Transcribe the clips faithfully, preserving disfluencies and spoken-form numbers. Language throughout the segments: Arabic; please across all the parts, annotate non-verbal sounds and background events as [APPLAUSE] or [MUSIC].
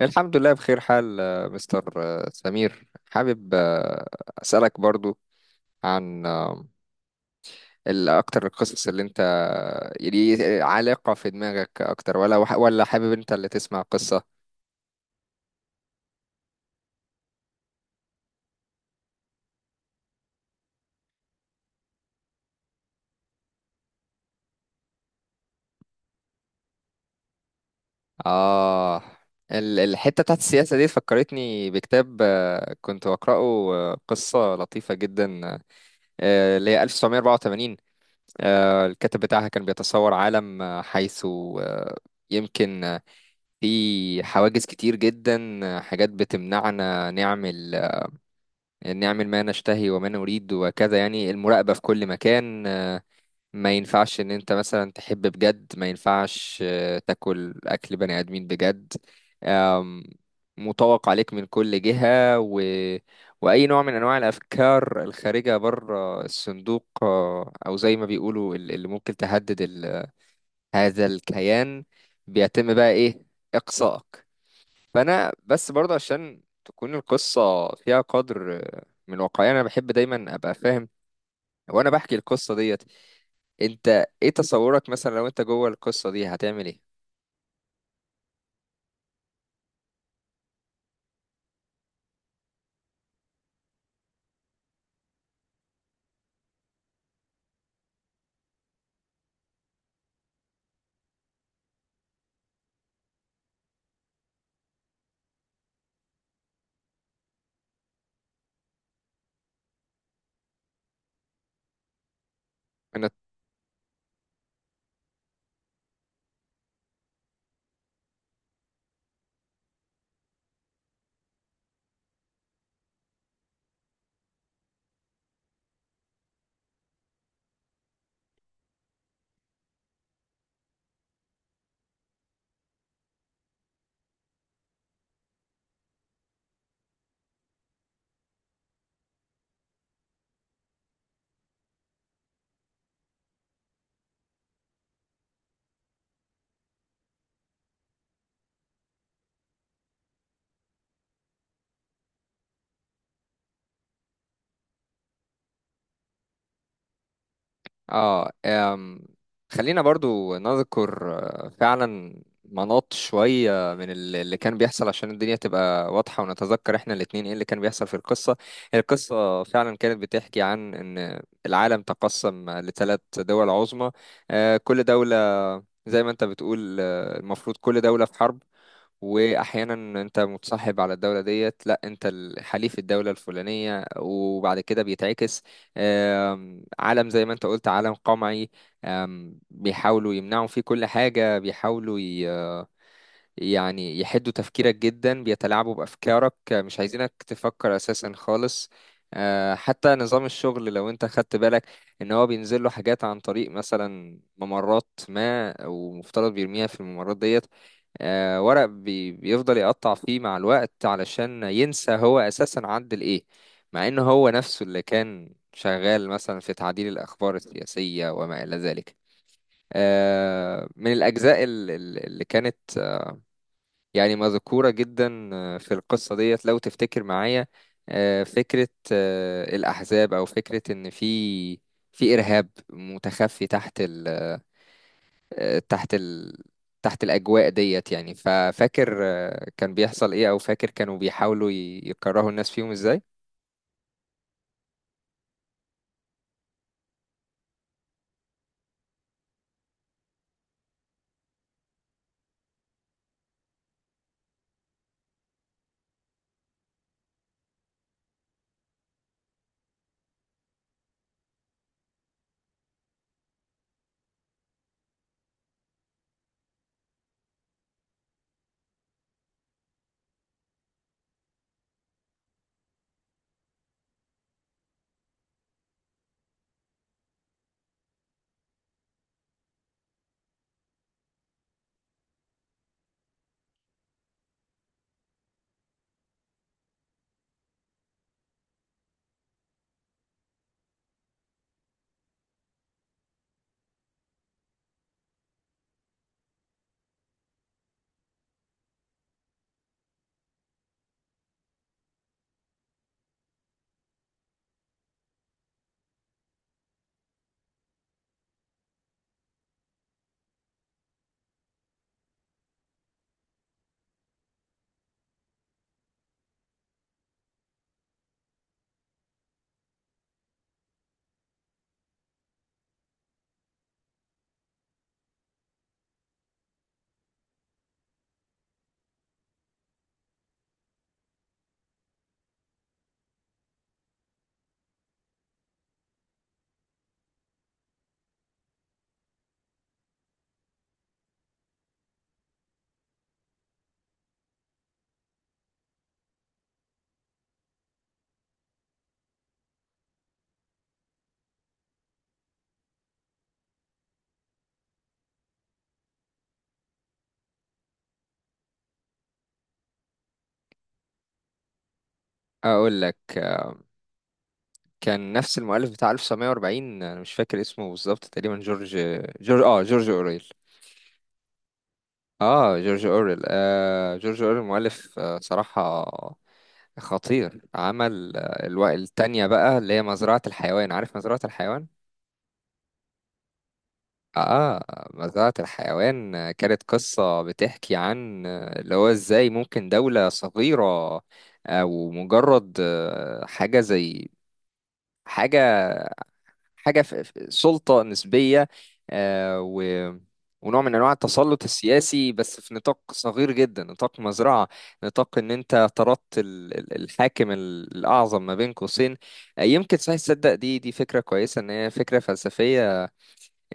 الحمد لله بخير حال آه، مستر آه، سمير حابب آه، أسألك برضو عن آه، ال- أكتر القصص اللي أنت يعني عالقة في دماغك أكتر ولا ولا حابب أنت اللي تسمع قصة. آه ال- الحتة بتاعت السياسة دي فكرتني بكتاب آه، كنت بقرأه. آه، قصة لطيفة جدا، آه، اللي هي ألف وتسعمية وأربعة وتمانين. آه، الكاتب بتاعها كان بيتصور عالم، آه، حيث آه، يمكن في حواجز كتير جدا، حاجات بتمنعنا نعمل، نعمل ما نشتهي وما نريد وكذا، يعني المراقبة في كل مكان. ما ينفعش ان انت مثلا تحب بجد، ما ينفعش آه، تاكل اكل بني ادمين بجد. أم، مطوق عليك من كل جهة. و... واي نوع من انواع الافكار الخارجة بره الصندوق، آه، او زي ما بيقولوا ال- اللي ممكن تهدد ال... هذا الكيان، بيتم بقى ايه، اقصائك. فانا بس برضه عشان تكون القصه فيها قدر من واقعيه، انا بحب دايما ابقى فاهم وانا بحكي القصه ديت. انت ايه تصورك مثلا لو انت جوه القصه دي هتعمل ايه؟ انا اه. أم، خلينا برضو نذكر آه، فعلا مناط شوية من ال- اللي كان بيحصل عشان الدنيا تبقى واضحة، ونتذكر احنا الاتنين ايه اللي كان بيحصل في القصة. القصة فعلا كانت بتحكي عن ان العالم تقسم لثلاث دول عظمى. آه، كل دولة زي ما انت بتقول، آه، المفروض كل دولة في حرب، واحيانا انت متصاحب على الدوله ديت، لا انت ال- حليف الدوله الفلانيه وبعد كده بيتعكس. آم، عالم زي ما انت قلت، عالم قمعي. آم، بيحاولوا يمنعوا فيه كل حاجه، بيحاولوا ي- يعني يحدوا تفكيرك جدا، بيتلاعبوا بافكارك، مش عايزينك تفكر اساسا خالص. آه، حتى نظام الشغل لو انت خدت بالك، ان هو بينزل له حاجات عن طريق مثلا ممرات ما، ومفترض بيرميها في الممرات ديت، آه، ورق بي بيفضل يقطع فيه مع الوقت علشان ينسى هو أساسا عدل إيه، مع إن هو نفسه اللي كان شغال مثلا في تعديل الأخبار السياسية وما إلى ذلك. آه، من الأجزاء ال- ال- اللي كانت آه، يعني مذكورة جدا آه، في القصة ديت، لو تفتكر معايا، آه، فكرة آه، الأحزاب، أو فكرة إن في في إرهاب متخفي تحت ال، آه، تحت ال... تحت الأجواء ديت، يعني ففاكر آه، كان بيحصل إيه، أو فاكر كانوا بيحاولوا ي- يكرهوا الناس فيهم إزاي؟ أقول لك آه، كان نفس المؤلف بتاع ألف وتسعمية وأربعين، أنا مش فاكر اسمه بالظبط، تقريبا جورج جورج آه جورج أوريل آه جورج أوريل آه جورج أوريل، مؤلف آه، صراحة خطير. عمل آه، الو... التانية بقى اللي هي مزرعة الحيوان. عارف مزرعة الحيوان؟ اه. مزرعة الحيوان كانت قصة بتحكي عن اللي هو ازاي ممكن دولة صغيرة، او مجرد آه، حاجة زي حاجة حاجة في في سلطة نسبية، آه، و ونوع من انواع التسلط السياسي بس في نطاق صغير جدا، نطاق مزرعة. نطاق ان انت طردت ال- ال- الحاكم ال- الاعظم ما بين قوسين. آه، يمكن صحيح، تصدق دي دي فكرة كويسة، ان هي فكرة فلسفية،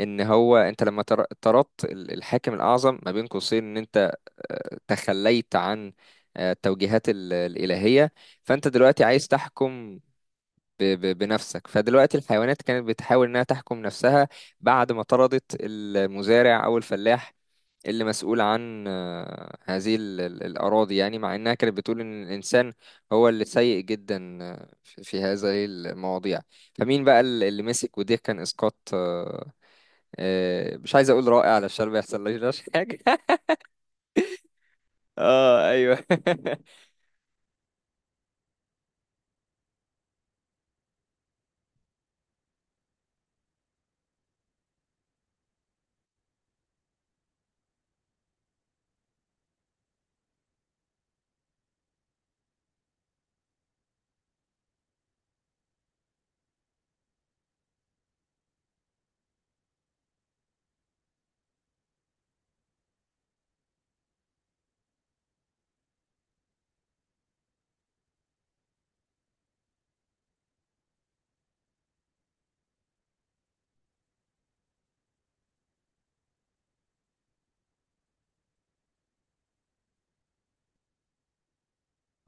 ان هو انت لما تر- طردت ال- الحاكم الاعظم ما بين قوسين، ان انت آه، تخليت عن آه، التوجيهات ال- الالهيه، فانت دلوقتي عايز تحكم ب- ب- بنفسك. فدلوقتي الحيوانات كانت بتحاول انها تحكم نفسها بعد ما طردت المزارع او الفلاح، اللي مسؤول عن آه، هذه ال- ال- الأراضي، يعني مع إنها كانت بتقول إن الإنسان هو اللي سيء جدا آه، في في هذه المواضيع. فمين بقى ال- اللي مسك؟ وده كان إسقاط آه، آه، مش عايز اقول رائع علشان ما يحصلناش حاجه. [LAUGHS] اه ايوه. [LAUGHS]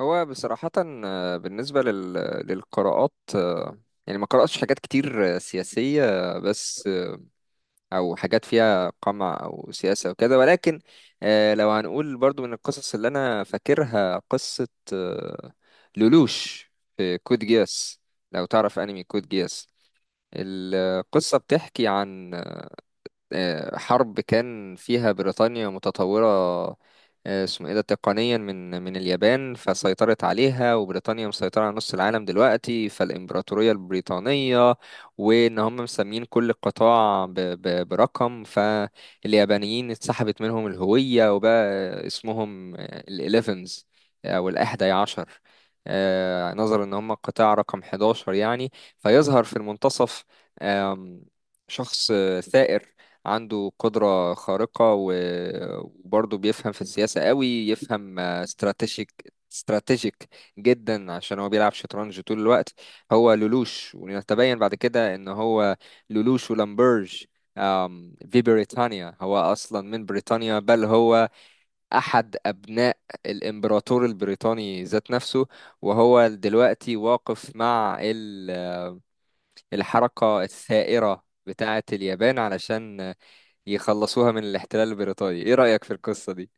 هو بصراحه آه، بالنسبه لل... للقراءات، آه، يعني ما قراتش حاجات كتير آه، سياسيه، آه، بس آه، او حاجات فيها قمع او سياسه وكده، ولكن آه، لو هنقول برضو من القصص اللي انا فاكرها، قصه آه، لولوش في كود جياس، لو تعرف انمي كود جياس. القصه بتحكي عن آه، حرب كان فيها بريطانيا متطورة، آه، اسمه ايه ده، تقنيا من من اليابان، فسيطرت عليها، وبريطانيا مسيطرة على نص العالم دلوقتي، فالإمبراطورية البريطانية، وإن هم مسمين كل قطاع ب- ب- برقم، فاليابانيين اتسحبت منهم الهوية، وبقى اسمهم الإليفنز أو الأحدى عشر، آه، نظرا إن هم قطاع رقم حداشر يعني. فيظهر في المنتصف آم، شخص ثائر، عنده قدرة خارقة و- وبرضه بيفهم في السياسة قوي، يفهم استراتيجيك، استراتيجيك جدا عشان هو بيلعب شطرنج طول الوقت. هو لولوش، ونتبين بعد كده ان هو لولوش ولامبرج آم، في بريطانيا، هو اصلا من بريطانيا، بل هو احد ابناء الامبراطور البريطاني ذات نفسه، وهو دلوقتي واقف مع ال- الحركة الثائرة بتاعة اليابان علشان يخلصوها من الاحتلال البريطاني. ايه رأيك في القصة دي؟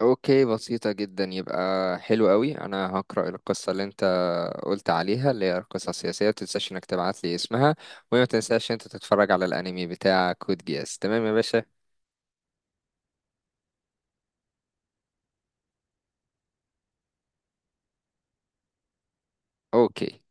اوكي، بسيطة جدا، يبقى حلو قوي. انا هقرأ القصة اللي انت قلت عليها، اللي هي القصة السياسية، متنساش انك تبعت لي اسمها. وما تنساش انت تتفرج على الانمي بتاع كود جياس، تمام يا باشا؟ اوكي.